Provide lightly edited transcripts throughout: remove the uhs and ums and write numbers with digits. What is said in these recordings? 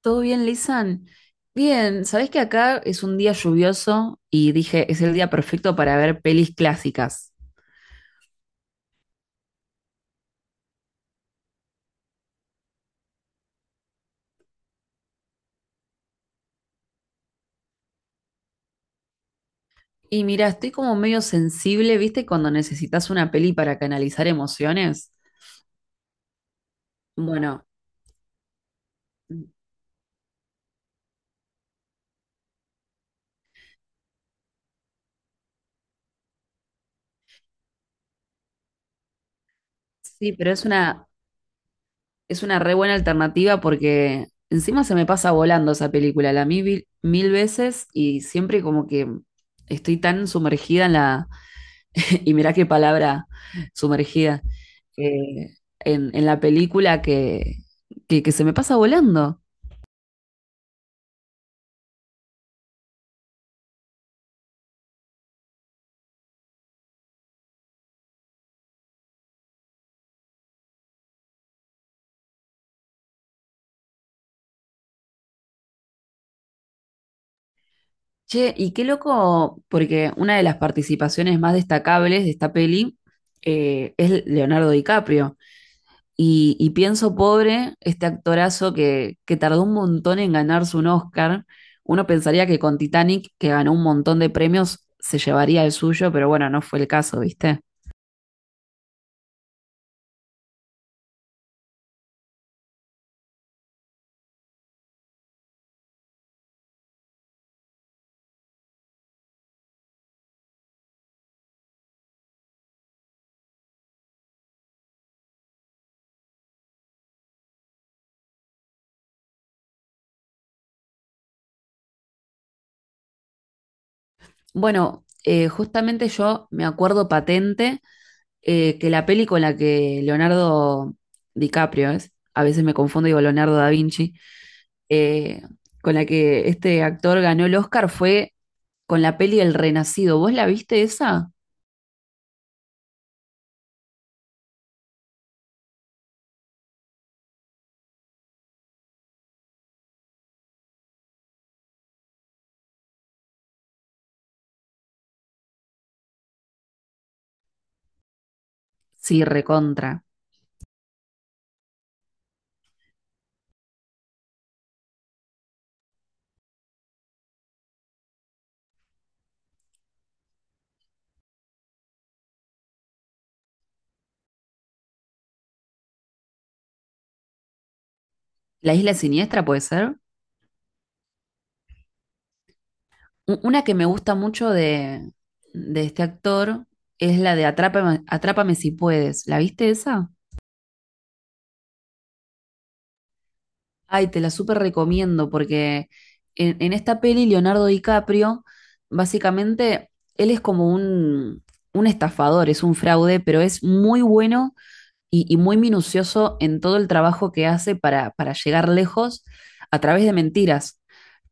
¿Todo bien, Lisan? Bien, sabés que acá es un día lluvioso y dije, es el día perfecto para ver pelis clásicas. Y mira, estoy como medio sensible, ¿viste? Cuando necesitas una peli para canalizar emociones. Bueno, sí, pero es una re buena alternativa porque encima se me pasa volando esa película. La vi mil, mil veces y siempre como que estoy tan sumergida Y mirá qué palabra sumergida en la película que se me pasa volando. Che, y qué loco, porque una de las participaciones más destacables de esta peli es Leonardo DiCaprio. Y pienso, pobre, este actorazo que tardó un montón en ganarse un Oscar. Uno pensaría que con Titanic, que ganó un montón de premios, se llevaría el suyo, pero bueno, no fue el caso, ¿viste? Bueno, justamente yo me acuerdo patente que la peli con la que Leonardo DiCaprio es, a veces me confundo, digo Leonardo da Vinci, eh, con la que este actor ganó el Oscar fue con la peli El Renacido. ¿Vos la viste esa? Sí, recontra. La Isla Siniestra puede ser. Una que me gusta mucho de este actor es la de Atrápame si puedes. ¿La viste esa? Ay, te la súper recomiendo porque en esta peli Leonardo DiCaprio, básicamente, él es como un estafador, es un fraude, pero es muy bueno y muy minucioso en todo el trabajo que hace para llegar lejos a través de mentiras.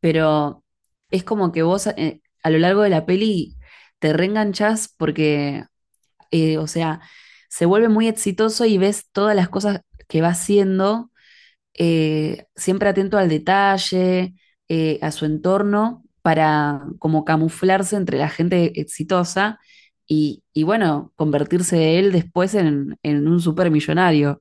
Pero es como que vos a lo largo de la peli te reenganchás porque, o sea, se vuelve muy exitoso y ves todas las cosas que va haciendo, siempre atento al detalle, a su entorno, para como camuflarse entre la gente exitosa y bueno, convertirse él después en un supermillonario.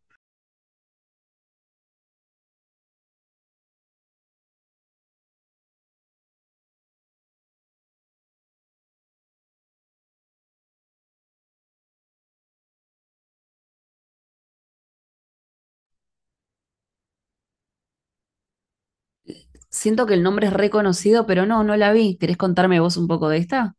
Siento que el nombre es reconocido, pero no, no la vi. ¿Querés contarme vos un poco de esta?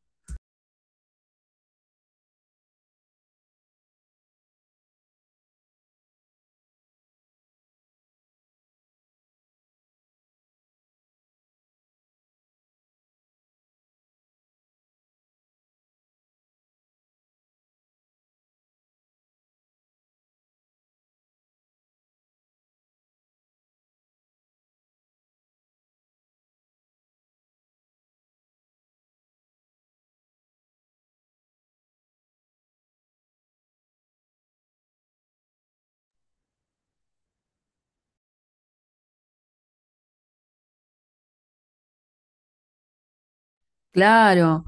Claro.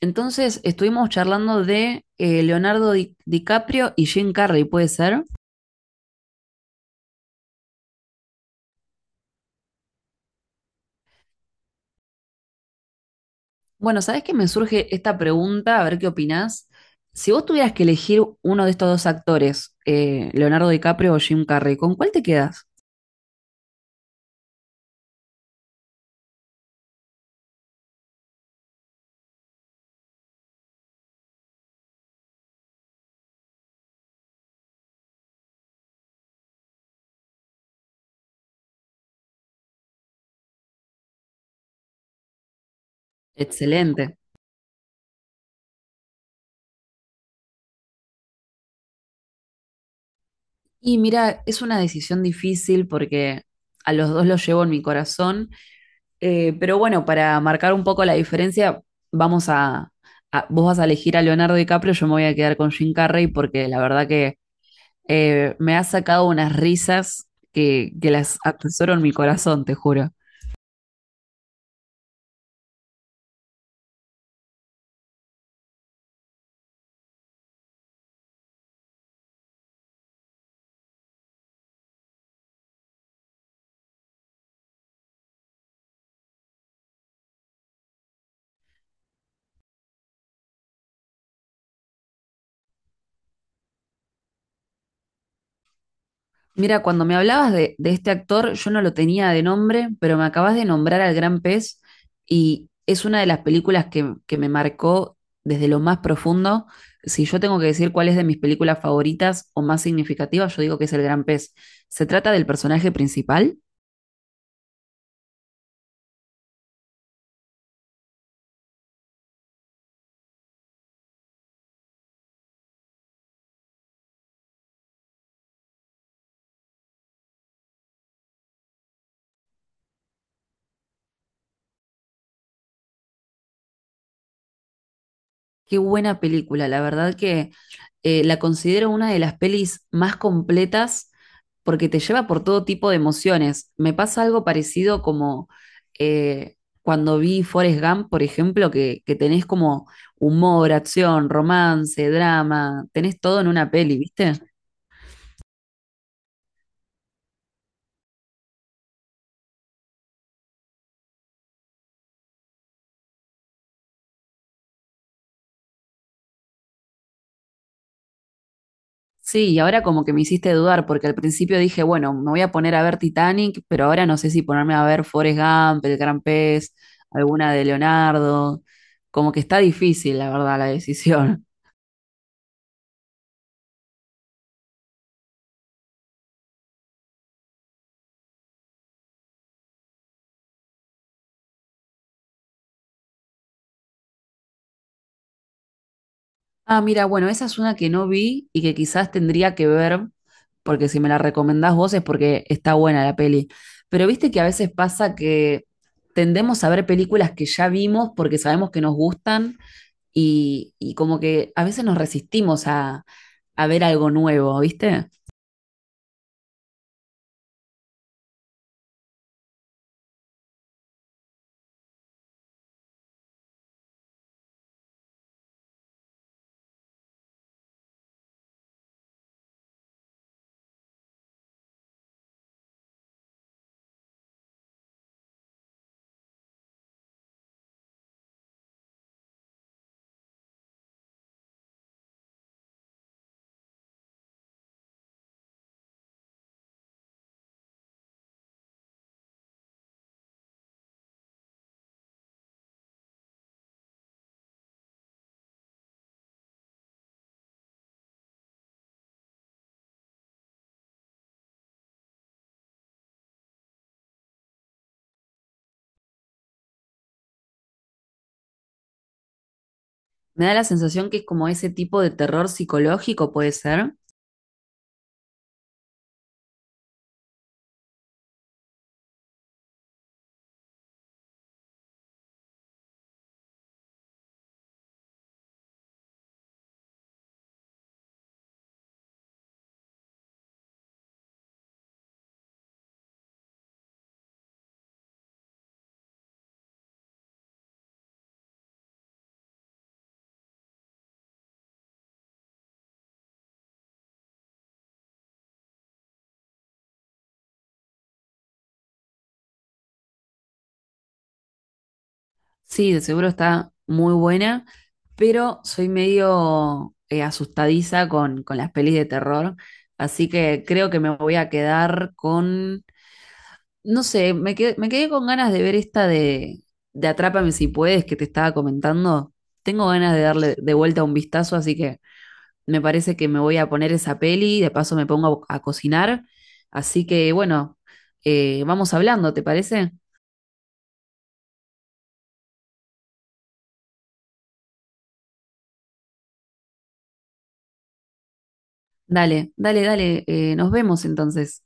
Entonces estuvimos charlando de DiCaprio y Jim Carrey, ¿puede ser? Bueno, ¿sabés que me surge esta pregunta? A ver qué opinás. Si vos tuvieras que elegir uno de estos dos actores, Leonardo DiCaprio o Jim Carrey, ¿con cuál te quedas? Excelente. Y mira, es una decisión difícil porque a los dos los llevo en mi corazón. Pero bueno, para marcar un poco la diferencia, vamos a, vos vas a elegir a Leonardo DiCaprio, yo me voy a quedar con Jim Carrey porque la verdad que me ha sacado unas risas que las atesoro en mi corazón, te juro. Mira, cuando me hablabas de este actor, yo no lo tenía de nombre, pero me acabas de nombrar al Gran Pez y es una de las películas que me marcó desde lo más profundo. Si yo tengo que decir cuál es de mis películas favoritas o más significativas, yo digo que es El Gran Pez. ¿Se trata del personaje principal? Qué buena película, la verdad que la considero una de las pelis más completas porque te lleva por todo tipo de emociones. Me pasa algo parecido como, cuando vi Forrest Gump, por ejemplo, que tenés como humor, acción, romance, drama, tenés todo en una peli, ¿viste? Sí, y ahora como que me hiciste dudar, porque al principio dije, bueno, me voy a poner a ver Titanic, pero ahora no sé si ponerme a ver Forrest Gump, El Gran Pez, alguna de Leonardo. Como que está difícil, la verdad, la decisión. Ah, mira, bueno, esa es una que no vi y que quizás tendría que ver, porque si me la recomendás vos es porque está buena la peli. Pero viste que a veces pasa que tendemos a ver películas que ya vimos porque sabemos que nos gustan y como que a veces nos resistimos a ver algo nuevo, ¿viste? Me da la sensación que es como ese tipo de terror psicológico, puede ser. Sí, de seguro está muy buena, pero soy medio asustadiza con las pelis de terror, así que creo que me voy a quedar con, no sé, me quedé con ganas de ver esta de Atrápame si puedes que te estaba comentando. Tengo ganas de darle de vuelta un vistazo, así que me parece que me voy a poner esa peli, de paso me pongo a cocinar. Así que bueno, vamos hablando, ¿te parece? Dale, nos vemos entonces.